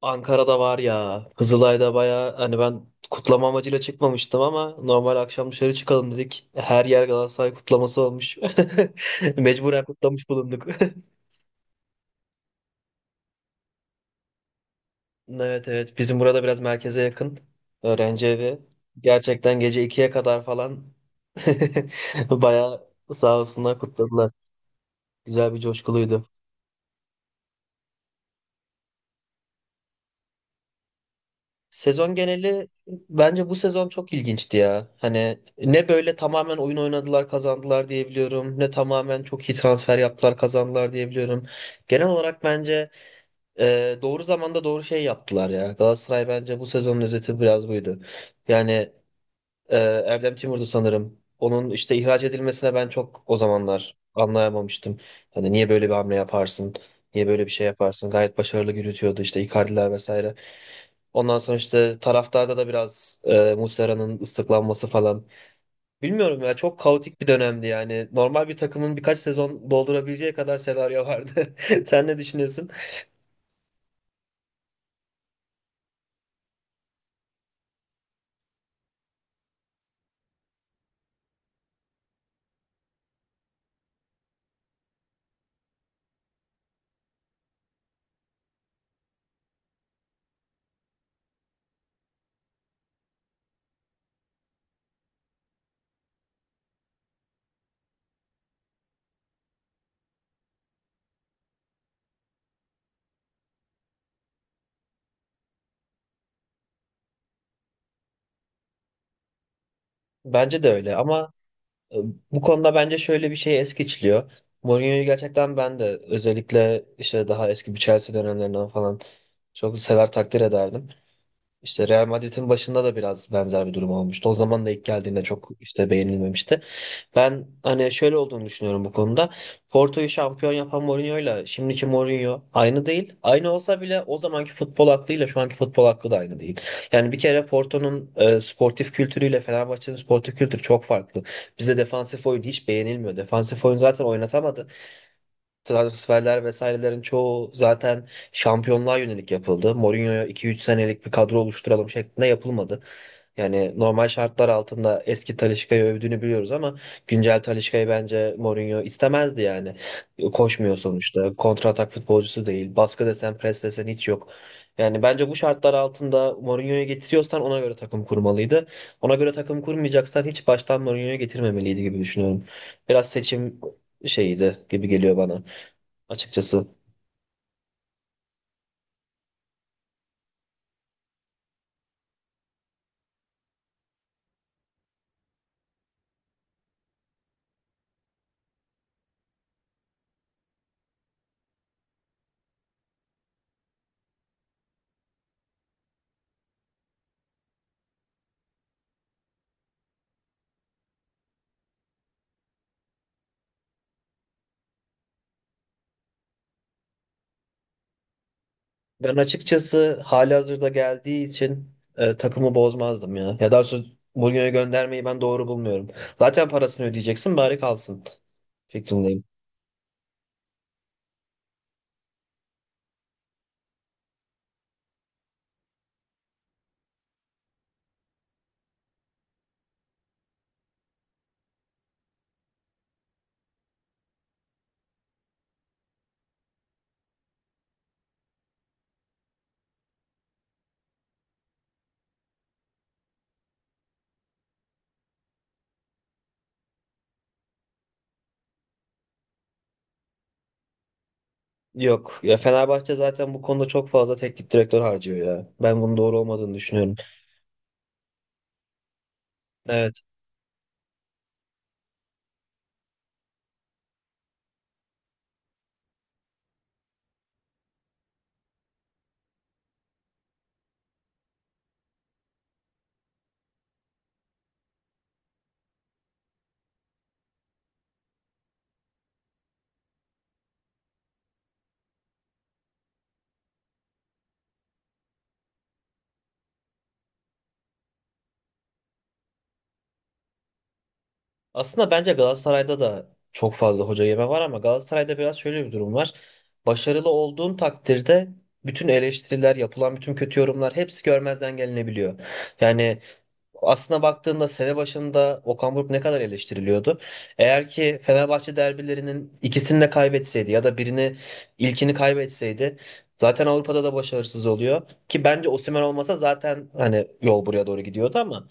Ankara'da var ya. Kızılay'da baya hani ben kutlama amacıyla çıkmamıştım ama normal akşam dışarı çıkalım dedik. Her yer Galatasaray kutlaması olmuş. Mecburen kutlamış bulunduk. Evet evet bizim burada biraz merkeze yakın öğrenci evi. Gerçekten gece ikiye kadar falan baya sağ olsunlar kutladılar. Güzel bir coşkuluydu. Sezon geneli bence bu sezon çok ilginçti ya. Hani ne böyle tamamen oyun oynadılar kazandılar diyebiliyorum. Ne tamamen çok iyi transfer yaptılar kazandılar diyebiliyorum. Genel olarak bence doğru zamanda doğru şey yaptılar ya. Galatasaray bence bu sezonun özeti biraz buydu. Yani ee, Erdem Timur'du sanırım. Onun işte ihraç edilmesine ben çok o zamanlar anlayamamıştım. Hani niye böyle bir hamle yaparsın? Niye böyle bir şey yaparsın? Gayet başarılı yürütüyordu işte Icardi'ler vesaire. Ondan sonra işte taraftarda da biraz Muslera'nın ıslıklanması falan. Bilmiyorum ya çok kaotik bir dönemdi yani. Normal bir takımın birkaç sezon doldurabileceği kadar senaryo vardı. Sen ne düşünüyorsun? Bence de öyle ama. Ee, Bu konuda bence şöyle bir şey es geçiliyor. Mourinho'yu gerçekten ben de özellikle işte daha eski bir Chelsea dönemlerinden falan çok sever takdir ederdim. İşte Real Madrid'in başında da biraz benzer bir durum olmuştu. O zaman da ilk geldiğinde çok işte beğenilmemişti. Ben hani şöyle olduğunu düşünüyorum bu konuda. Porto'yu şampiyon yapan Mourinho'yla şimdiki Mourinho aynı değil. Aynı olsa bile o zamanki futbol aklıyla şu anki futbol aklı da aynı değil. Yani bir kere Porto'nun sportif kültürüyle Fenerbahçe'nin sportif kültürü çok farklı. Bizde defansif oyun hiç beğenilmiyor. Defansif oyun zaten oynatamadı, transferler vesairelerin çoğu zaten şampiyonluğa yönelik yapıldı. Mourinho'ya 2-3 senelik bir kadro oluşturalım şeklinde yapılmadı. Yani normal şartlar altında eski Talisca'yı övdüğünü biliyoruz ama güncel Talisca'yı bence Mourinho istemezdi yani. Koşmuyor sonuçta. Kontratak futbolcusu değil. Baskı desen, pres desen hiç yok. Yani bence bu şartlar altında Mourinho'yu getiriyorsan ona göre takım kurmalıydı. Ona göre takım kurmayacaksan hiç baştan Mourinho'yu getirmemeliydi gibi düşünüyorum. Biraz seçim şeyiydi gibi geliyor bana açıkçası. Ben açıkçası halihazırda geldiği için takımı bozmazdım ya. Ya daha doğrusu Mourinho'ya göndermeyi ben doğru bulmuyorum. Zaten parasını ödeyeceksin bari kalsın fikrindeyim. Yok ya Fenerbahçe zaten bu konuda çok fazla teknik direktör harcıyor ya. Ben bunun doğru olmadığını düşünüyorum. Evet. Aslında bence Galatasaray'da da çok fazla hoca yeme var ama Galatasaray'da biraz şöyle bir durum var. Başarılı olduğun takdirde bütün eleştiriler, yapılan bütün kötü yorumlar hepsi görmezden gelinebiliyor. Yani aslına baktığında sene başında Okan Buruk ne kadar eleştiriliyordu. Eğer ki Fenerbahçe derbilerinin ikisini de kaybetseydi ya da birini, ilkini kaybetseydi zaten Avrupa'da da başarısız oluyor. Ki bence Osimhen olmasa zaten hani yol buraya doğru gidiyordu ama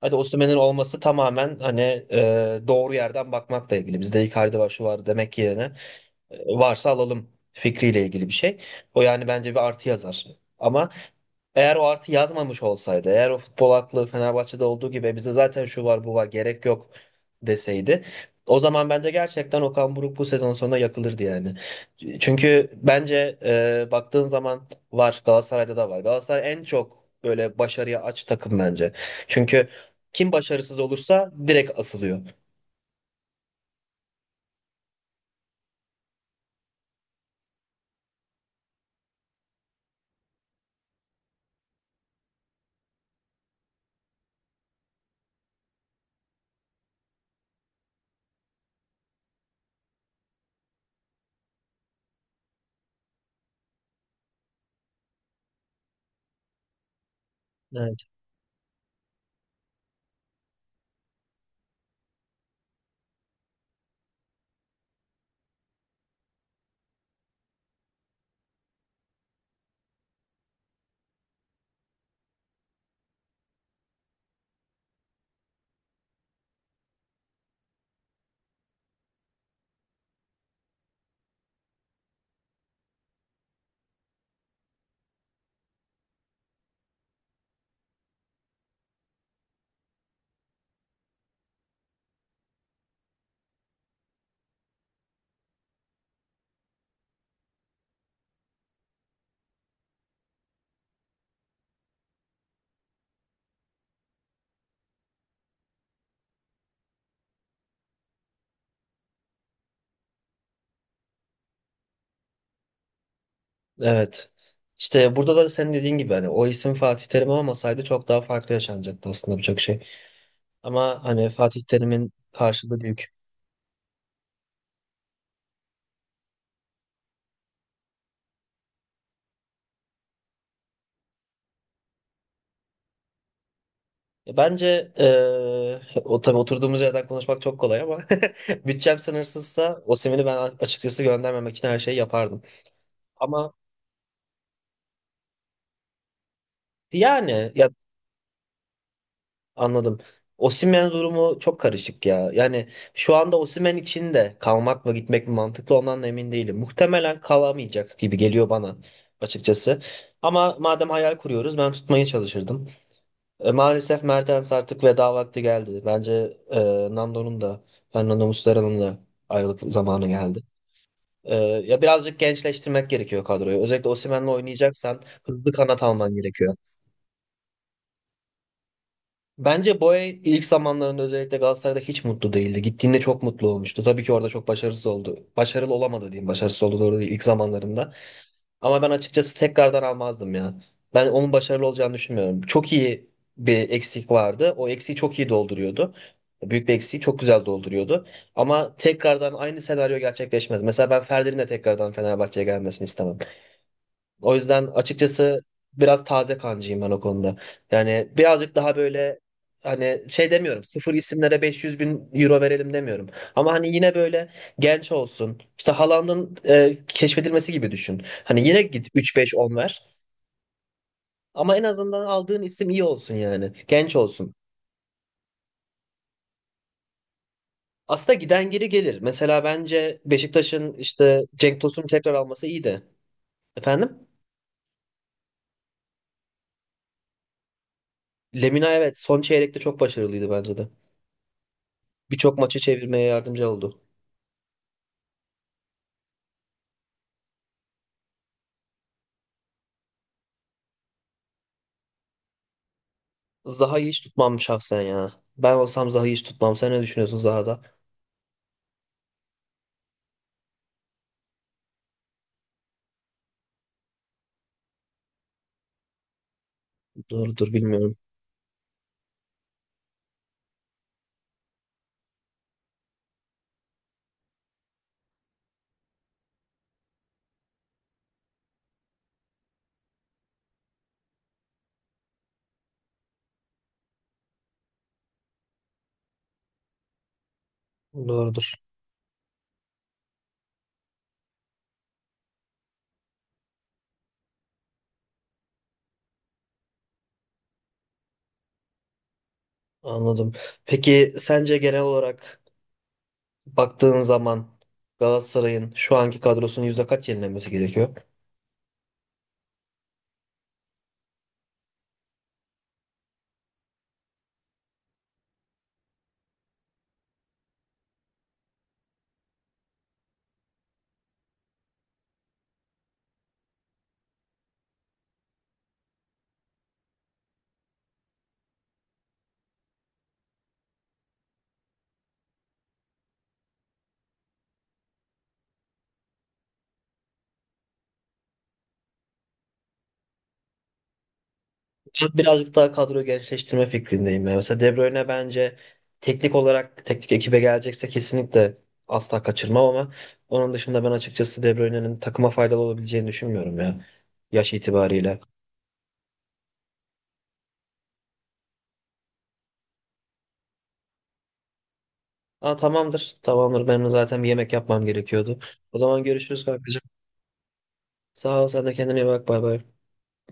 hadi Osimhen'in olması tamamen hani doğru yerden bakmakla ilgili. Bizde Icardi var şu var demek yerine varsa alalım fikriyle ilgili bir şey. O yani bence bir artı yazar. Ama eğer o artı yazmamış olsaydı, eğer o futbol aklı Fenerbahçe'de olduğu gibi bize zaten şu var bu var gerek yok deseydi, o zaman bence gerçekten Okan Buruk bu sezon sonunda yakılırdı yani. Çünkü bence baktığın zaman var, Galatasaray'da da var. Galatasaray en çok böyle başarıya aç takım bence. Çünkü kim başarısız olursa direkt asılıyor. Evet. Evet. İşte burada da senin dediğin gibi hani o isim Fatih Terim olmasaydı çok daha farklı yaşanacaktı aslında birçok şey. Ama hani Fatih Terim'in karşılığı büyük. Bence o tabii oturduğumuz yerden konuşmak çok kolay ama bütçem sınırsızsa Osimhen'i ben açıkçası göndermemek için her şeyi yapardım. Ama yani ya anladım. Osimhen durumu çok karışık ya. Yani şu anda Osimhen için de kalmak mı gitmek mi mantıklı ondan da emin değilim. Muhtemelen kalamayacak gibi geliyor bana açıkçası. Ama madem hayal kuruyoruz ben tutmaya çalışırdım. Maalesef Mertens artık veda vakti geldi. Bence Nando'nun da Fernando Muslera'nın da ayrılık zamanı geldi. Ya birazcık gençleştirmek gerekiyor kadroyu. Özellikle Osimhen'le oynayacaksan hızlı kanat alman gerekiyor. Bence Boye ilk zamanlarında özellikle Galatasaray'da hiç mutlu değildi. Gittiğinde çok mutlu olmuştu. Tabii ki orada çok başarısız oldu. Başarılı olamadı diyeyim. Başarısız oldu doğru değil ilk zamanlarında. Ama ben açıkçası tekrardan almazdım ya. Ben onun başarılı olacağını düşünmüyorum. Çok iyi bir eksik vardı. O eksiği çok iyi dolduruyordu. Büyük bir eksiği çok güzel dolduruyordu. Ama tekrardan aynı senaryo gerçekleşmez. Mesela ben Ferdi'nin de tekrardan Fenerbahçe'ye gelmesini istemem. O yüzden açıkçası biraz taze kancıyım ben o konuda. Yani birazcık daha böyle hani şey demiyorum, sıfır isimlere 500 bin euro verelim demiyorum. Ama hani yine böyle genç olsun. İşte Haaland'ın keşfedilmesi gibi düşün. Hani yine git 3-5-10 ver. Ama en azından aldığın isim iyi olsun yani. Genç olsun. Aslında giden geri gelir. Mesela bence Beşiktaş'ın işte Cenk Tosun'u tekrar alması iyiydi. Efendim? Lemina evet son çeyrekte çok başarılıydı bence de. Birçok maçı çevirmeye yardımcı oldu. Zaha'yı hiç tutmam şahsen ya. Ben olsam Zaha'yı hiç tutmam. Sen ne düşünüyorsun Zaha'da? Doğrudur bilmiyorum. Doğrudur. Anladım. Peki sence genel olarak baktığın zaman Galatasaray'ın şu anki kadrosunun yüzde kaç yenilenmesi gerekiyor? Ben birazcık daha kadro gençleştirme fikrindeyim ya. Mesela De Bruyne bence teknik olarak teknik ekibe gelecekse kesinlikle asla kaçırmam ama onun dışında ben açıkçası De Bruyne'nin takıma faydalı olabileceğini düşünmüyorum ya. Yaş itibariyle. Aa, tamamdır. Tamamdır. Benim de zaten bir yemek yapmam gerekiyordu. O zaman görüşürüz kankacığım. Sağ ol. Sen de kendine iyi bak. Bay bay.